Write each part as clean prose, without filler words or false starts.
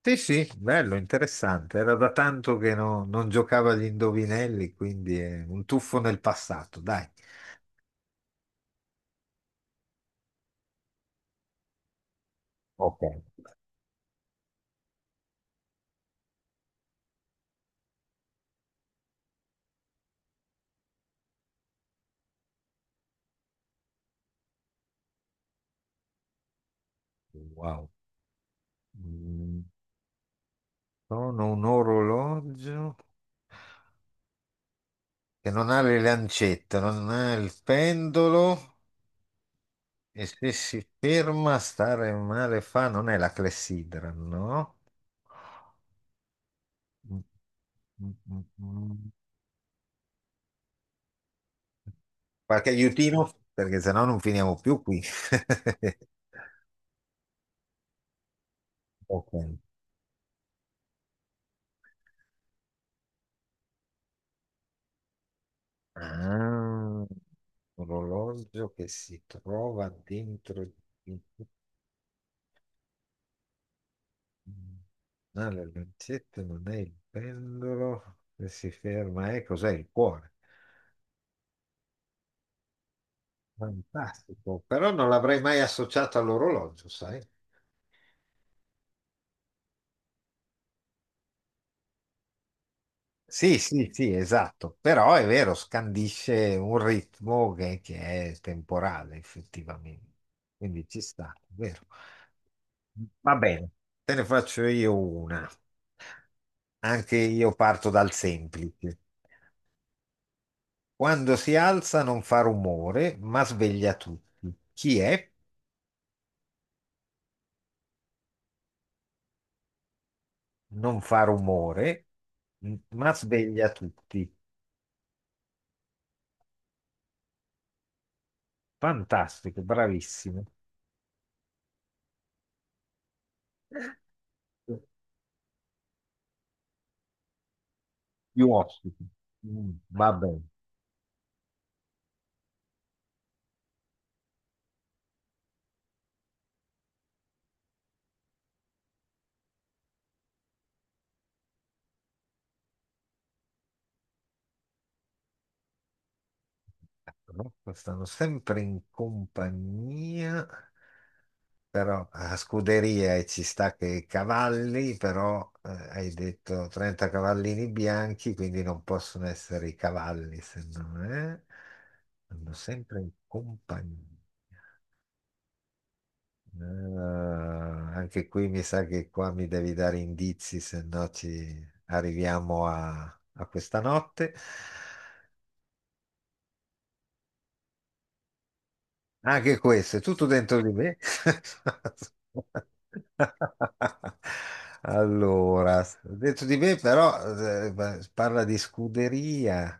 Sì, sì, bello, interessante. Era da tanto che non giocavo agli indovinelli, quindi è un tuffo nel passato, dai. Ok. Wow. Mm, Sono un orologio che non ha le lancette, non ha il pendolo e se si ferma stare male fa, non è la clessidra, no? Mm, mm, mm, mm. Qualche aiutino? Perché sennò non finiamo più qui. Ok. Ah. Orologio che si trova dentro di- ah, le lancette, non è il pendolo che si ferma, cos'è il cuore? Fantastico, però non l'avrei mai associato all'orologio, sai? Sì, sì, sì, esatto, però è vero, scandisce un ritmo che è temporale effettivamente, quindi ci sta, è vero. Va bene, te ne faccio io una, anche io parto dal semplice. Quando si alza non fa rumore, ma sveglia tutti. Chi è? Non fa rumore, ma sveglia tutti. Fantastico, bravissimo. Più ospiti. Mm, Vabbè. Comunque stanno sempre in compagnia, però a scuderia e ci sta che i cavalli, però hai detto 30 cavallini bianchi, quindi non possono essere i cavalli, se no eh? Stanno sempre in compagnia. Eh, Anche qui mi sa che qua mi devi dare indizi, se no ci arriviamo a questa notte. Anche questo, è tutto dentro di me. Allora, dentro di me però eh, parla di scuderia.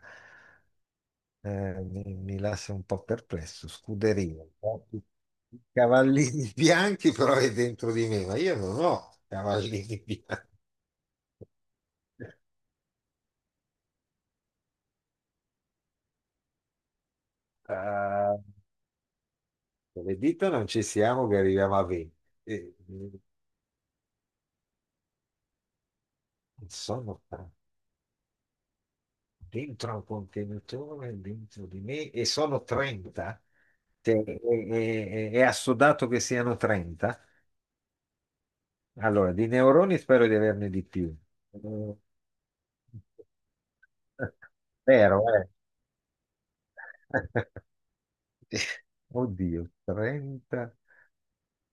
Mi lascia un po' perplesso, scuderia. I cavallini bianchi però è dentro di me, ma io non ho cavallini bianchi. Eh, con le dita non ci siamo che arriviamo a 20. Eh, mm, Sono tanti. Dentro un contenitore, dentro di me, e sono 30, cioè, è assodato che siano 30. Allora, di neuroni spero di averne di più. Eh, Vero, eh. Oddio, 30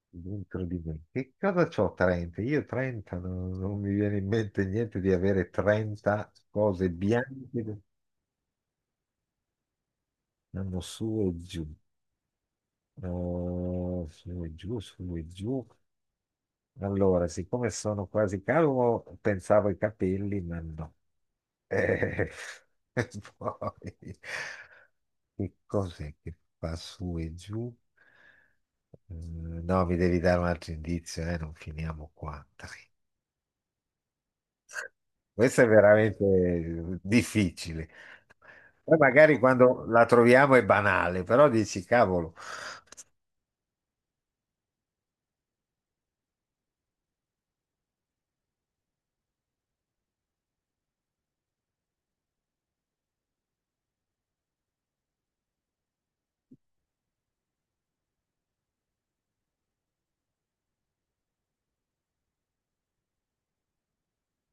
dentro di me. Che cosa c'ho 30? Io 30, non mi viene in mente niente di avere 30 cose bianche. Andiamo su e giù. Su e giù, su e giù. Allora, siccome sono quasi calvo, pensavo ai capelli, ma no. Eh, e poi, che cos'è che fa su e giù? Mm, no, mi devi dare un altro indizio, non finiamo qua, dai. Questo è veramente difficile. Poi magari quando la troviamo è banale, però dici, cavolo,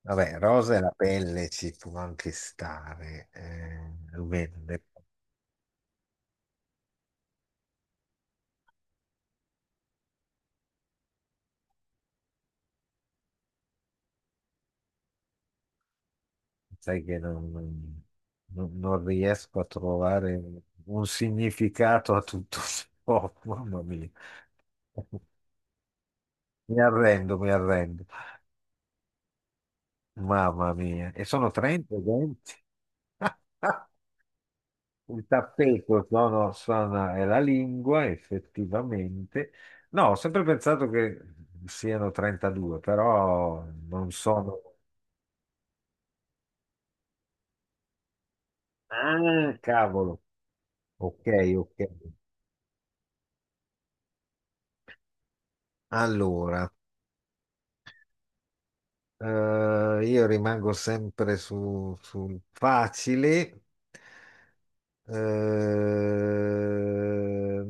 vabbè, rosa e la pelle ci può anche stare, eh. Sai che non riesco a trovare un significato a tutto ciò, mamma mia. Mi arrendo, mi arrendo. Mamma mia. E sono 30 denti. Il tappeto, no, no, è la lingua, effettivamente. No, ho sempre pensato che siano 32, però non sono. Ah, cavolo. Ok, ok. Allora. Eh, io rimango sempre sul facile.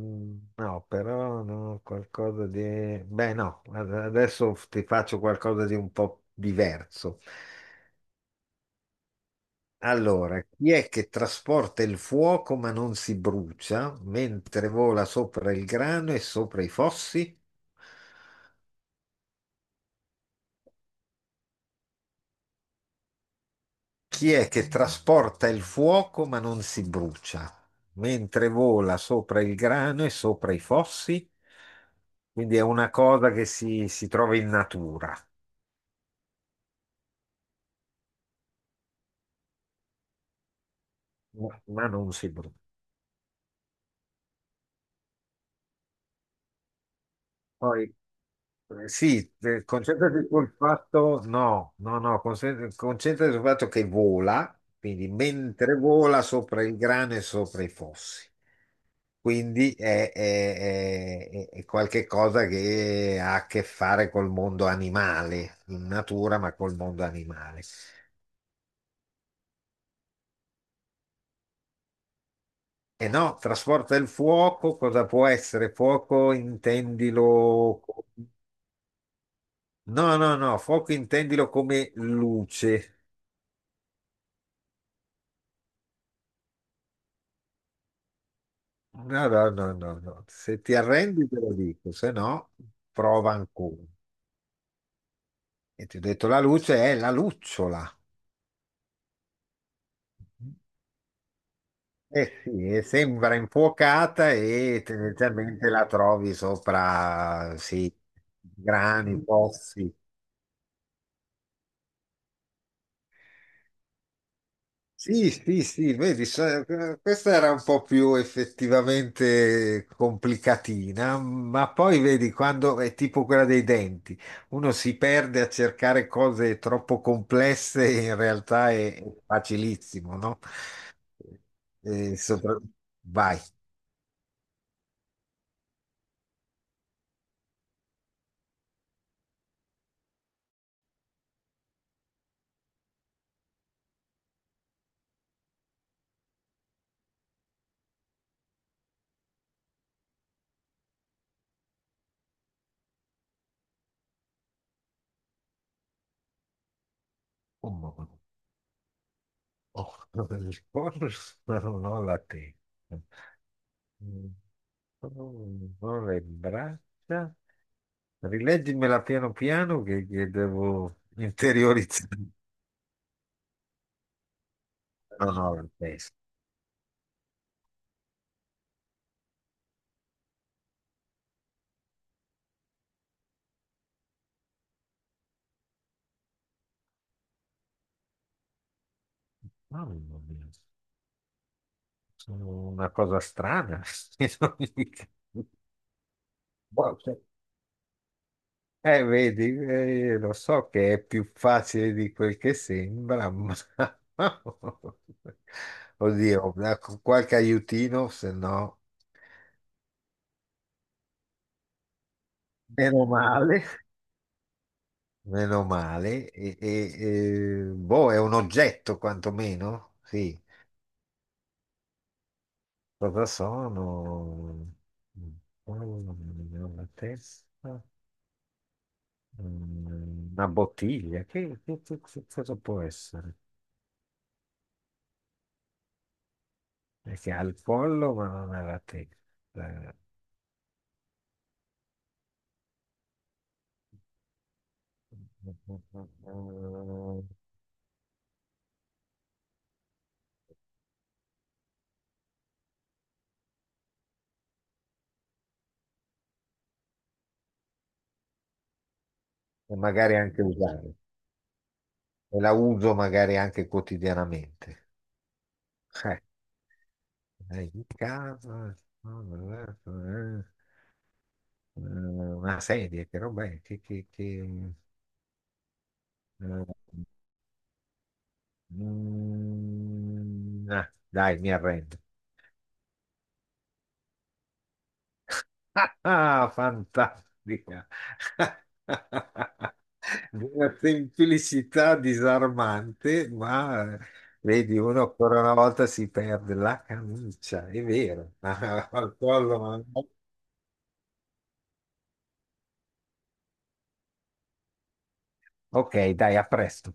No, però no, qualcosa di. Beh, no, adesso ti faccio qualcosa di un po' diverso. Allora, chi è che trasporta il fuoco ma non si brucia, mentre vola sopra il grano e sopra i fossi? Chi è che trasporta il fuoco ma non si brucia, mentre vola sopra il grano e sopra i fossi? Quindi è una cosa che si trova in natura, ma non si brucia. Poi, sì, concentrati sul fatto, no, no, no, concentrati sul fatto che vola, quindi mentre vola sopra il grano e sopra i fossi. Quindi è qualche cosa che ha a che fare col mondo animale, in natura, ma col mondo animale. E no, trasporta il fuoco, cosa può essere? Fuoco intendilo. No, no, no, fuoco intendilo come luce. No, no, no, no, no. Se ti arrendi te lo dico, se no prova ancora. E ti ho detto la luce è la lucciola. Eh sì, e sembra infuocata e tendenzialmente la trovi sopra, sì, grani, pozzi. Sì, sì, sì, vedi, questa era un po' più effettivamente complicatina, ma poi vedi quando è tipo quella dei denti, uno si perde a cercare cose troppo complesse, in realtà è facilissimo, no? E sopra- Vai. Un momento. Oh, il corpo, però non la testa. Mm. Oh, non le braccia. Rileggimela piano piano che devo interiorizzare. No, no, la testa. Mamma mia, sono una cosa strana. Wow, sì. Vedi, lo so che è più facile di quel che sembra, ma oddio, ecco, qualche aiutino, se no. Meno male, meno male, boh, è un oggetto quantomeno, sì. Cosa sono? Una testa? Una bottiglia? Che cosa può essere? Perché ha il collo ma non ha la testa. Eh, E magari anche usare. E la uso magari anche quotidianamente. Eh, in casa, no, eh, eh, una sedia, che roba è? Eh, dai, mi arrendo. Ah, fantastica! Una semplicità disarmante, ma vedi, uno ancora una volta si perde la camicia, è vero. Al collo, no. Ok, dai, a presto.